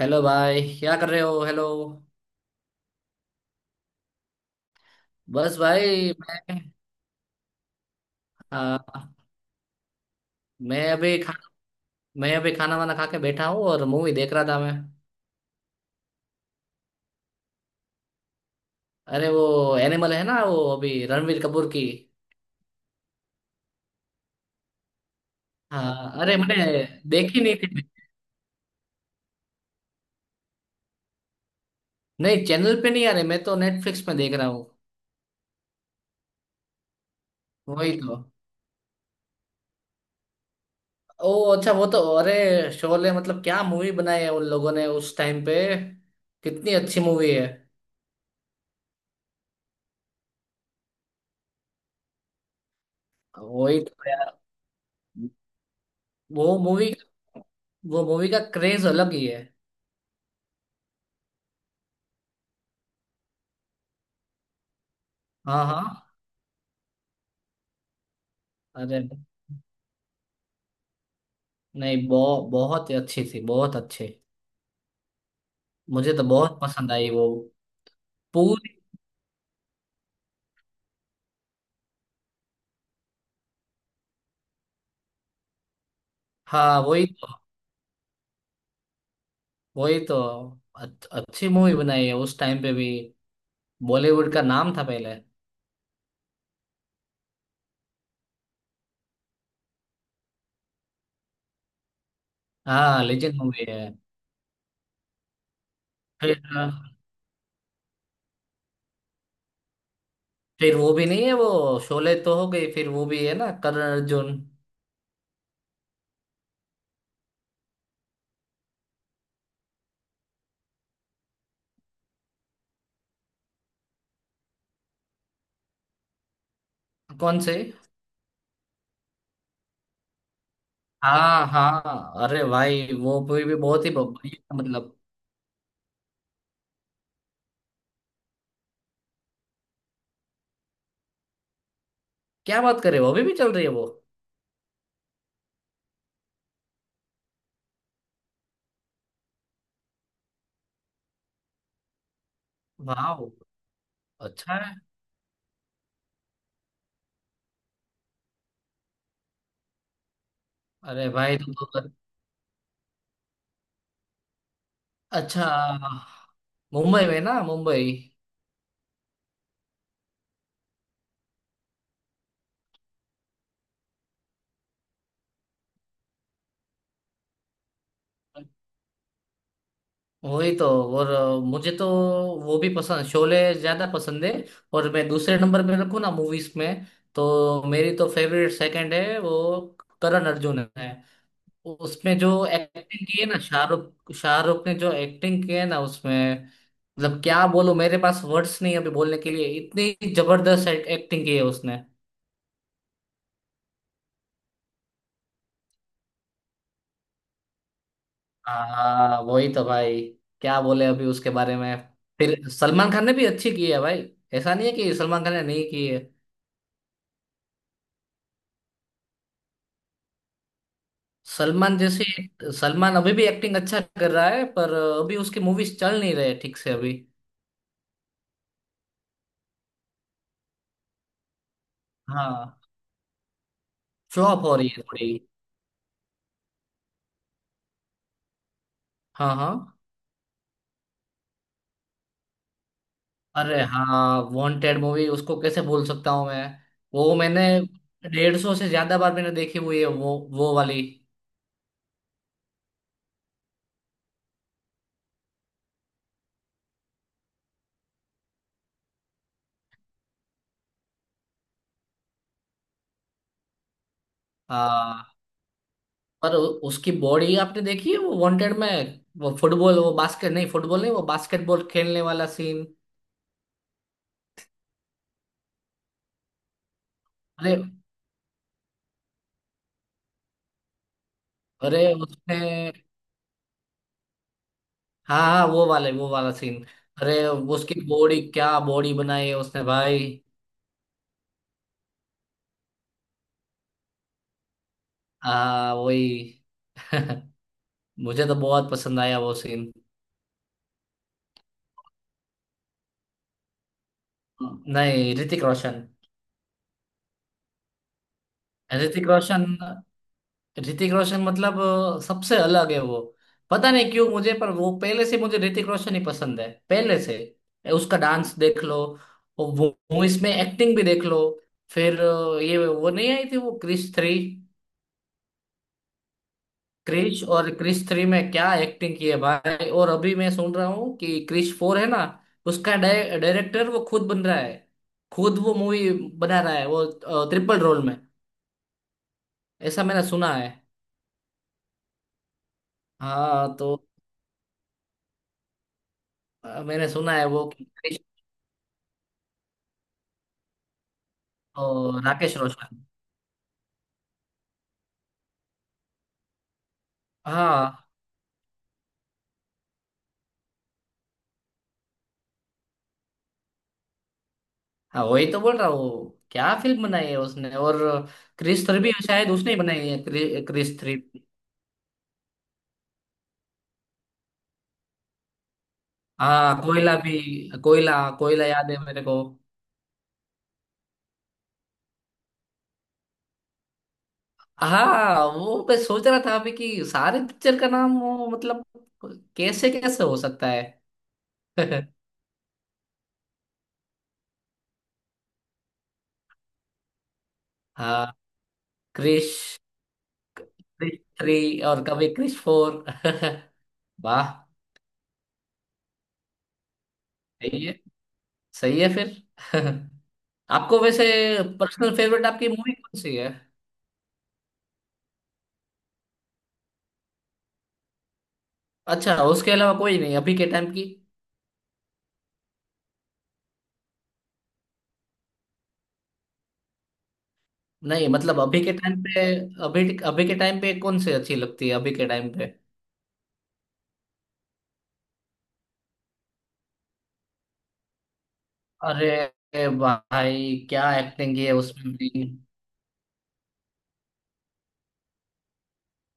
Hello भाई, क्या कर रहे हो? हेलो। बस भाई मैं, आ, मैं अभी खा मैं अभी खाना वाना खा के बैठा हूँ और मूवी देख रहा था मैं। अरे वो एनिमल है ना, वो अभी रणवीर कपूर की। हाँ, अरे मैंने देखी नहीं थी। नहीं, चैनल पे नहीं आ रही, मैं तो नेटफ्लिक्स में देख रहा हूँ। वही तो। ओ, अच्छा वो तो, अरे शोले मतलब क्या मूवी बनाई है उन लोगों ने उस टाइम पे, कितनी अच्छी मूवी है। वही तो यार। वो मूवी, वो मूवी का क्रेज अलग ही है। हाँ हाँ, अरे नहीं, बहुत ही अच्छी थी, बहुत अच्छी। मुझे तो बहुत पसंद आई वो पूरी। हाँ वही तो, वही तो। अच्छी मूवी बनाई है उस टाइम पे भी, बॉलीवुड का नाम था पहले। हाँ, लेजेंड मूवी है। फिर फिर वो भी नहीं है, वो शोले तो हो गई, फिर वो भी है ना, करण अर्जुन। कौन से? हाँ हाँ, अरे भाई वो मूवी भी बहुत ही बढ़िया मतलब, क्या बात करे, वो अभी भी चल रही है वो। वाह, अच्छा है। अरे भाई तो, अच्छा मुंबई में ना, मुंबई? वही तो। और मुझे तो वो भी पसंद, शोले ज्यादा पसंद है। और मैं दूसरे नंबर पे रखूँ ना मूवीज में, तो मेरी तो फेवरेट सेकंड है वो, करण अर्जुन है। उसमें जो एक्टिंग की है ना, शाहरुख, शाहरुख ने जो एक्टिंग की है ना उसमें, मतलब क्या बोलूं, मेरे पास वर्ड्स नहीं है अभी बोलने के लिए, इतनी जबरदस्त एक्टिंग की है उसने। हाँ वही तो भाई, क्या बोले अभी उसके बारे में। फिर सलमान खान ने भी अच्छी की है भाई, ऐसा नहीं है कि सलमान खान ने नहीं की है। सलमान जैसे सलमान अभी भी एक्टिंग अच्छा कर रहा है, पर अभी उसकी मूवीज चल नहीं रहे ठीक से अभी। हाँ, फ्लॉप हो रही है थोड़ी। हाँ हाँ, अरे हाँ वांटेड मूवी, उसको कैसे भूल सकता हूँ मैं। वो मैंने 150 से ज्यादा बार मैंने देखी हुई है वो वाली। पर उसकी बॉडी आपने देखी है वो वांटेड में? वो फुटबॉल, वो बास्केट नहीं, फुटबॉल नहीं, वो बास्केटबॉल खेलने वाला सीन। अरे, अरे उसने। हाँ हाँ, वो वाले, वो वाला सीन। अरे उसकी बॉडी, क्या बॉडी बनाई है उसने भाई! हाँ वही। मुझे तो बहुत पसंद आया वो सीन। नहीं, ऋतिक रोशन। ऋतिक रोशन, ऋतिक रोशन मतलब सबसे अलग है वो। पता नहीं क्यों मुझे, पर वो पहले से मुझे ऋतिक रोशन ही पसंद है पहले से। उसका डांस देख लो, और वो मूवीज में एक्टिंग भी देख लो। फिर ये वो नहीं आई थी वो, क्रिश 3? क्रिश और क्रिश 3 में क्या एक्टिंग की है भाई, और अभी मैं सुन रहा हूँ कि क्रिश 4 है ना। उसका डायरेक्टर वो खुद बन रहा है, खुद वो मूवी बना रहा है वो ट्रिपल रोल में, ऐसा मैंने सुना है। हाँ तो मैंने सुना है वो। ओ, राकेश रोशन। हाँ हाँ, वही तो बोल रहा हूँ, क्या फिल्म बनाई है उसने, और क्रिस थ्री भी शायद उसने ही बनाई है, क्रिस 3। हाँ कोयला भी, कोयला कोयला याद है मेरे को। हाँ वो मैं सोच रहा था अभी कि सारे पिक्चर का नाम वो मतलब, कैसे कैसे हो सकता है। हाँ, क्रिश क्रिश 3 और कभी क्रिश 4। वाह। सही है, सही है फिर। आपको वैसे पर्सनल फेवरेट आपकी मूवी कौन सी है? अच्छा, उसके अलावा कोई नहीं अभी के टाइम की? नहीं मतलब अभी के टाइम पे, अभी, अभी के टाइम पे कौन सी अच्छी लगती है अभी के टाइम पे? अरे भाई, क्या एक्टिंग की है उसमें भी।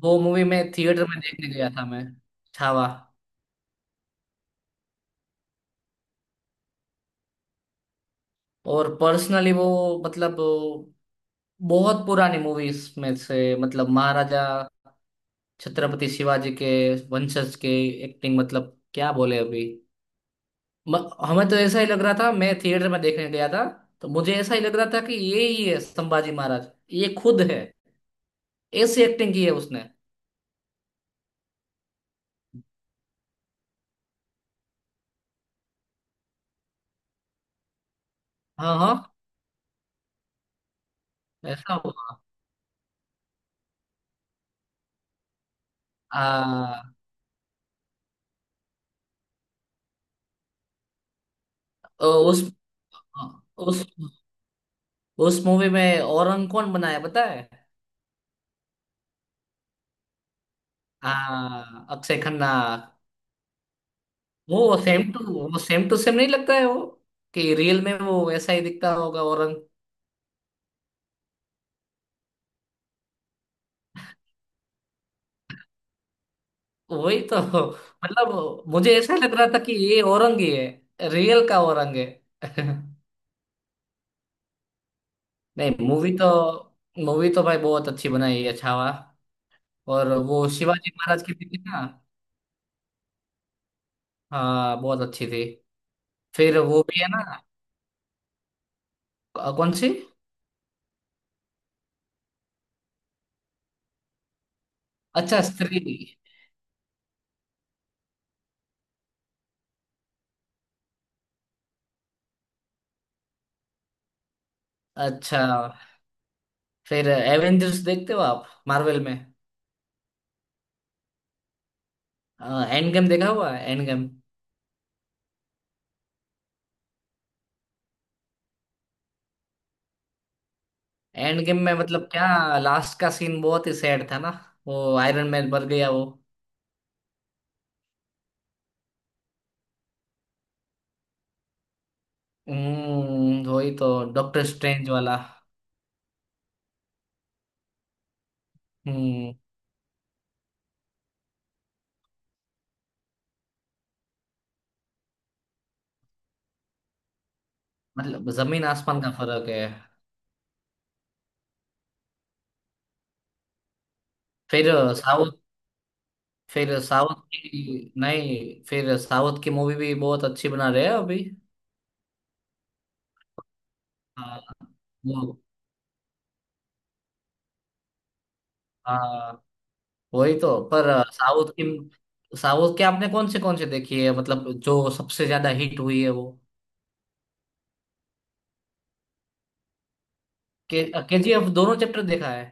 वो मूवी मैं थिएटर में देखने गया था मैं, छावा। और पर्सनली वो मतलब, बहुत पुरानी मूवीज में से मतलब, महाराजा छत्रपति शिवाजी के वंशज के एक्टिंग मतलब, क्या बोले अभी। हमें तो ऐसा ही लग रहा था, मैं थिएटर में देखने गया था तो मुझे ऐसा ही लग रहा था कि ये ही है संभाजी महाराज, ये खुद है, ऐसी एक्टिंग की है उसने। हाँ हाँ, ऐसा हुआ। आ, उस उस उस मूवी में औरंग कौन बनाया पता है? हाँ, अक्षय खन्ना। वो सेम टू वो सेम टू सेम नहीं लगता है वो, कि रियल में वो ऐसा ही दिखता होगा औरंग? वही तो मतलब, मुझे ऐसा लग रहा था कि ये औरंग ही है, रियल का औरंग है। नहीं, मूवी तो, मूवी तो भाई बहुत अच्छी बनाई है छावा। और वो शिवाजी महाराज की भी थी ना? हाँ, बहुत अच्छी थी। फिर वो भी है ना, कौन सी? अच्छा स्त्री, अच्छा। फिर एवेंजर्स देखते हो आप, मार्वल में? एंड गेम देखा हुआ है, एंड गेम। एंड गेम में मतलब क्या, लास्ट का सीन बहुत ही सैड था ना, वो आयरन मैन मर गया वो। वही तो, डॉक्टर स्ट्रेंज वाला। हम्म मतलब जमीन आसमान का फर्क है। फिर साउथ फिर साउथ की, नहीं, फिर साउथ की मूवी भी बहुत अच्छी बना रहे हैं अभी। हाँ, वो हाँ, वही तो, पर। साउथ की, साउथ की आपने कौन से देखी है, मतलब जो सबसे ज्यादा हिट हुई है वो? के केजीएफ दोनों चैप्टर देखा है।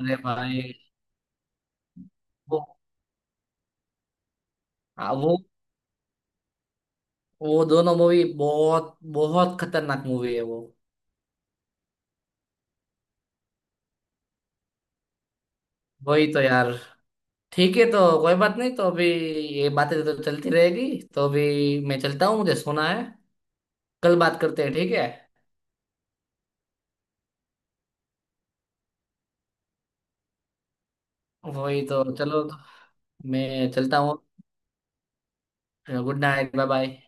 अरे भाई, वो हाँ, वो दोनों मूवी बहुत बहुत खतरनाक मूवी है वो। वही तो यार, ठीक है तो, कोई बात नहीं तो अभी, ये बातें तो चलती रहेगी, तो अभी मैं चलता हूँ, मुझे सोना है, कल बात करते हैं, ठीक है? वही तो, चलो मैं चलता हूँ। Good night, bye bye.